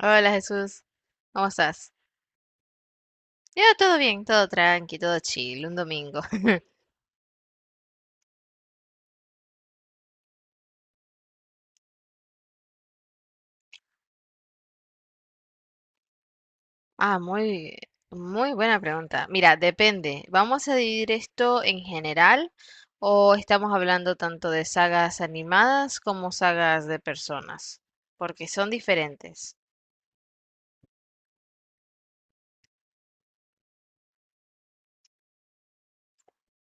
Hola Jesús, ¿cómo estás? Ya, todo bien, todo tranqui, todo chill, un domingo. Ah, muy, Muy buena pregunta. Mira, depende. ¿Vamos a dividir esto en general o estamos hablando tanto de sagas animadas como sagas de personas? Porque son diferentes.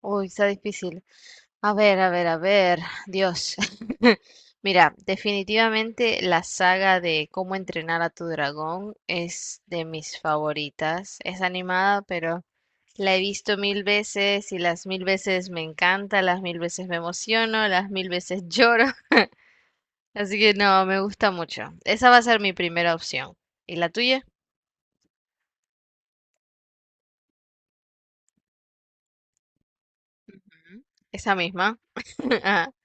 Uy, está difícil. A ver, a ver, a ver, Dios. Mira, definitivamente la saga de Cómo entrenar a tu dragón es de mis favoritas. Es animada, pero la he visto mil veces y las mil veces me encanta, las mil veces me emociono, las mil veces lloro. Así que no, me gusta mucho. Esa va a ser mi primera opción. ¿Y la tuya? Ujú. Esa misma.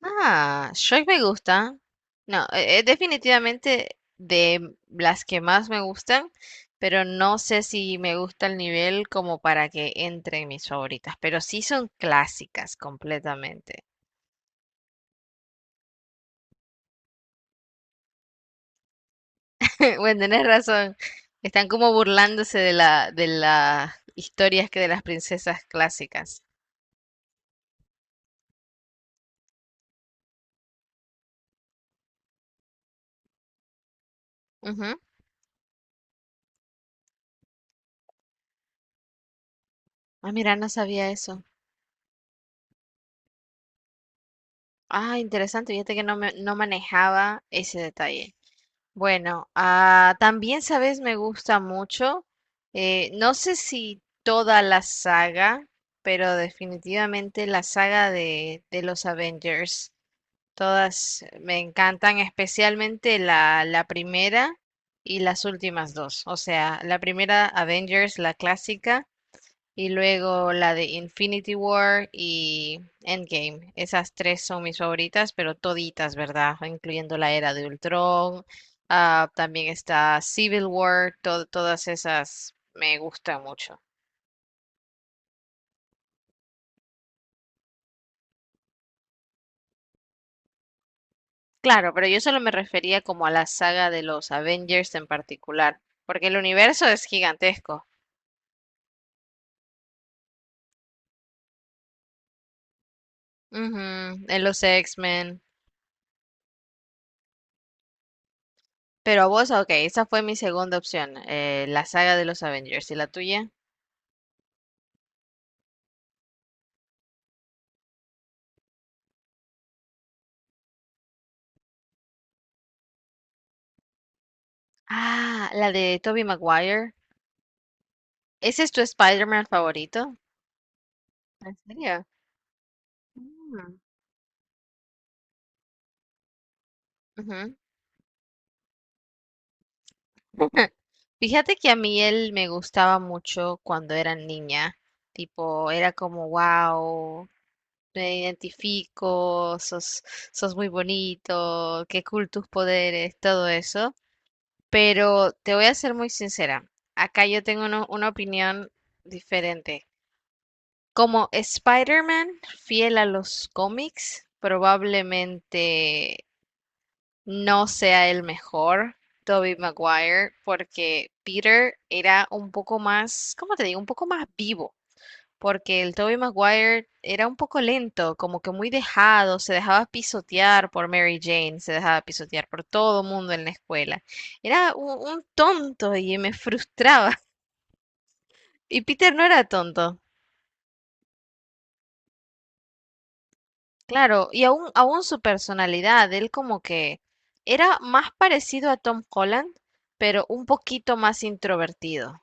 Ah, Shrek me gusta. No, es definitivamente de las que más me gustan, pero no sé si me gusta el nivel como para que entre en mis favoritas, pero sí son clásicas completamente. Bueno, tenés razón. Están como burlándose de las historias que de las princesas clásicas. Ujú. Ah, mira, no sabía eso. Ah, interesante, fíjate que no manejaba ese detalle. Bueno, ah, también, sabes, me gusta mucho. No sé si toda la saga, pero definitivamente la saga de los Avengers. Todas me encantan, especialmente la primera y las últimas dos. O sea, la primera Avengers, la clásica. Y luego la de Infinity War y Endgame. Esas tres son mis favoritas, pero toditas, ¿verdad? Incluyendo la era de Ultron. También está Civil War. Todas esas me gustan mucho. Claro, pero yo solo me refería como a la saga de los Avengers en particular, porque el universo es gigantesco. Ujú, en los X-Men. Pero a vos, ok, esa fue mi segunda opción, la saga de los Avengers. ¿Y la tuya? Ah, la de Tobey Maguire. ¿Ese es tu Spider-Man favorito? ¿En serio? Mm, ujú. Fíjate que a mí él me gustaba mucho cuando era niña. Tipo, era como, wow, me identifico, sos, sos muy bonito, qué cool tus poderes, todo eso. Pero te voy a ser muy sincera. Acá yo tengo una opinión diferente. Como Spider-Man, fiel a los cómics, probablemente no sea el mejor, Tobey Maguire, porque Peter era un poco más, ¿cómo te digo? Un poco más vivo, porque el Tobey Maguire era un poco lento, como que muy dejado, se dejaba pisotear por Mary Jane, se dejaba pisotear por todo mundo en la escuela. Era un tonto y me frustraba. Y Peter no era tonto, claro, y aún su personalidad, él como que era más parecido a Tom Holland, pero un poquito más introvertido.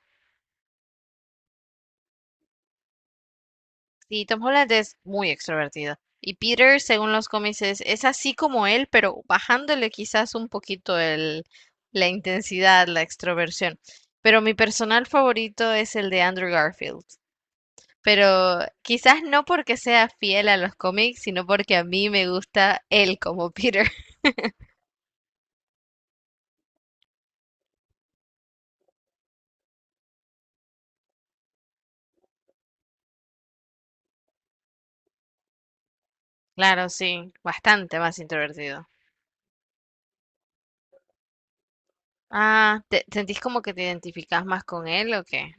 Sí, Tom Holland es muy extrovertido. Y Peter, según los cómics, es así como él, pero bajándole quizás un poquito la intensidad, la extroversión. Pero mi personal favorito es el de Andrew Garfield. Pero quizás no porque sea fiel a los cómics, sino porque a mí me gusta él como Peter. Claro, sí, bastante más introvertido. Ah, ¿te sentís como que te identificás más con él o qué?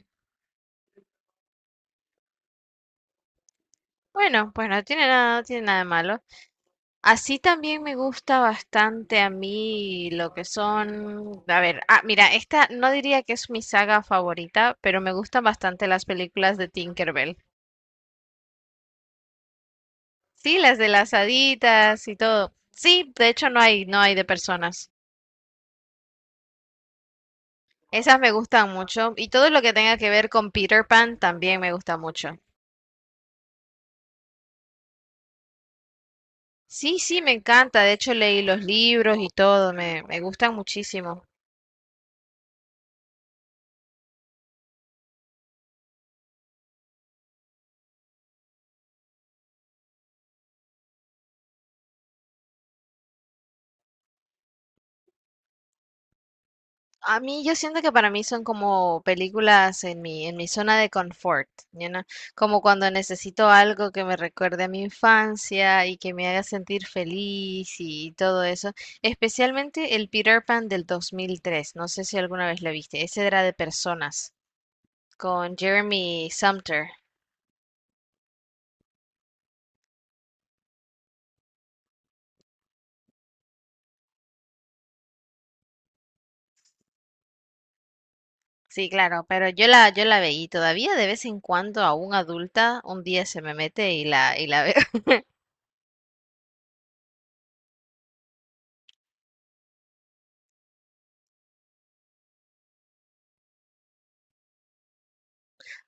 Bueno, pues no tiene nada, no tiene nada de malo. Así también me gusta bastante a mí lo que son, a ver, ah, mira, esta no diría que es mi saga favorita, pero me gustan bastante las películas de Tinkerbell. Sí, las de las haditas y todo. Sí, de hecho no hay, no hay de personas. Esas me gustan mucho y todo lo que tenga que ver con Peter Pan también me gusta mucho. Sí, sí, me encanta. De hecho leí los libros y todo, me gustan muchísimo. A mí, yo siento que para mí son como películas en mi zona de confort, como cuando necesito algo que me recuerde a mi infancia y que me haga sentir feliz y todo eso. Especialmente el Peter Pan del 2003, no sé si alguna vez lo viste, ese era de personas, con Jeremy Sumter. Sí, claro, pero yo la, yo la veía y todavía de vez en cuando, aún adulta, un día se me mete y y la veo.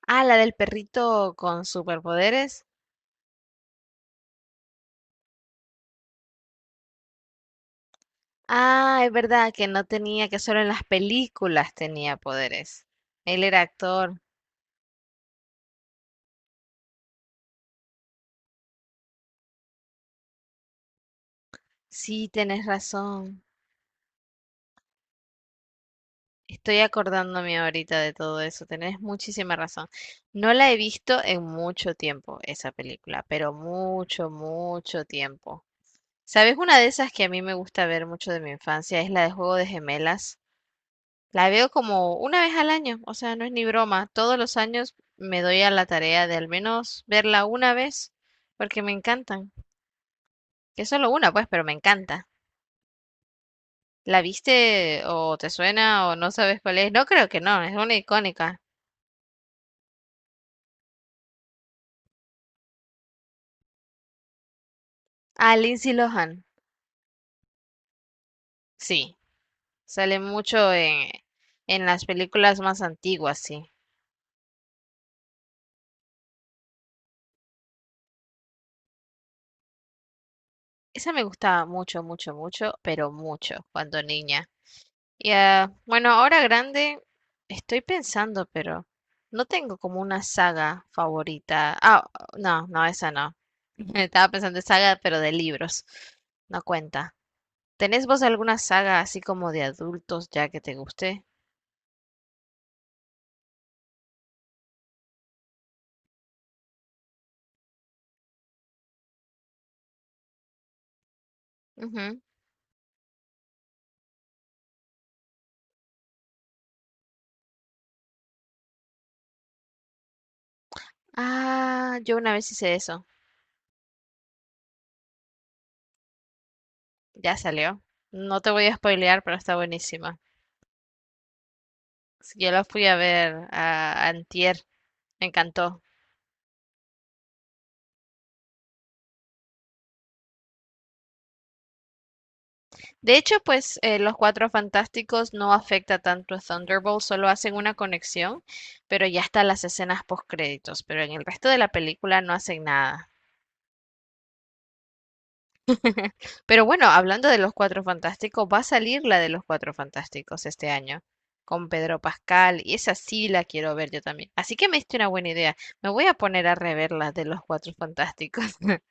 Ah, la del perrito con superpoderes. Ah, es verdad que no tenía, que solo en las películas tenía poderes. Él era actor. Sí, tenés razón. Estoy acordándome ahorita de todo eso. Tenés muchísima razón. No la he visto en mucho tiempo, esa película, pero mucho, mucho tiempo. ¿Sabes? Una de esas que a mí me gusta ver mucho de mi infancia es la de Juego de Gemelas. La veo como una vez al año, o sea, no es ni broma. Todos los años me doy a la tarea de al menos verla una vez, porque me encantan. Que es solo una, pues, pero me encanta. ¿La viste o te suena o no sabes cuál es? No creo que no, es una icónica. Ah, Lindsay Lohan. Sí, sale mucho en las películas más antiguas, sí. Esa me gustaba mucho, mucho, mucho, pero mucho cuando niña. Y ah, bueno, ahora grande estoy pensando, pero no tengo como una saga favorita. Ah, no, no, esa no. Estaba pensando en saga, pero de libros. No cuenta. ¿Tenés vos alguna saga así como de adultos ya que te guste? Ujú. Ah, yo una vez hice eso. Ya salió. No te voy a spoilear, pero está buenísima. Sí, yo la fui a ver a antier. Me encantó. De hecho, pues los Cuatro Fantásticos no afecta tanto a Thunderbolt, solo hacen una conexión, pero ya están las escenas post créditos, pero en el resto de la película no hacen nada. Pero bueno, hablando de los Cuatro Fantásticos, va a salir la de los Cuatro Fantásticos este año, con Pedro Pascal, y esa sí la quiero ver yo también. Así que me diste una buena idea. Me voy a poner a rever las de los Cuatro Fantásticos.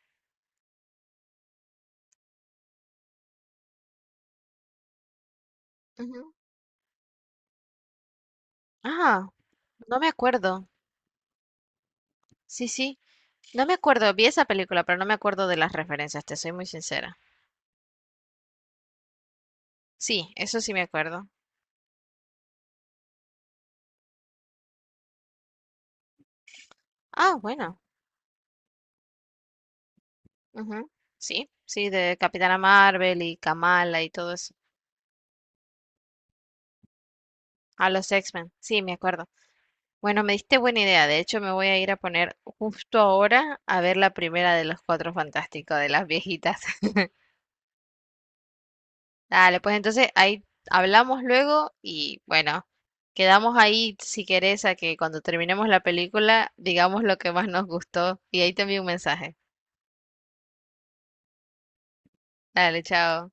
Ujú. Ah, no me acuerdo. Sí, sí, no me acuerdo. Vi esa película, pero no me acuerdo de las referencias, te soy muy sincera. Sí, eso sí me acuerdo. Ah, bueno. Ujú. Sí, sí, de Capitana Marvel y Kamala y todo eso. A los X-Men, sí, me acuerdo. Bueno, me diste buena idea. De hecho, me voy a ir a poner justo ahora a ver la primera de los Cuatro Fantásticos, de las viejitas. Dale, pues entonces ahí hablamos luego y bueno, quedamos ahí si querés a que cuando terminemos la película digamos lo que más nos gustó y ahí te envío un mensaje. Dale, chao.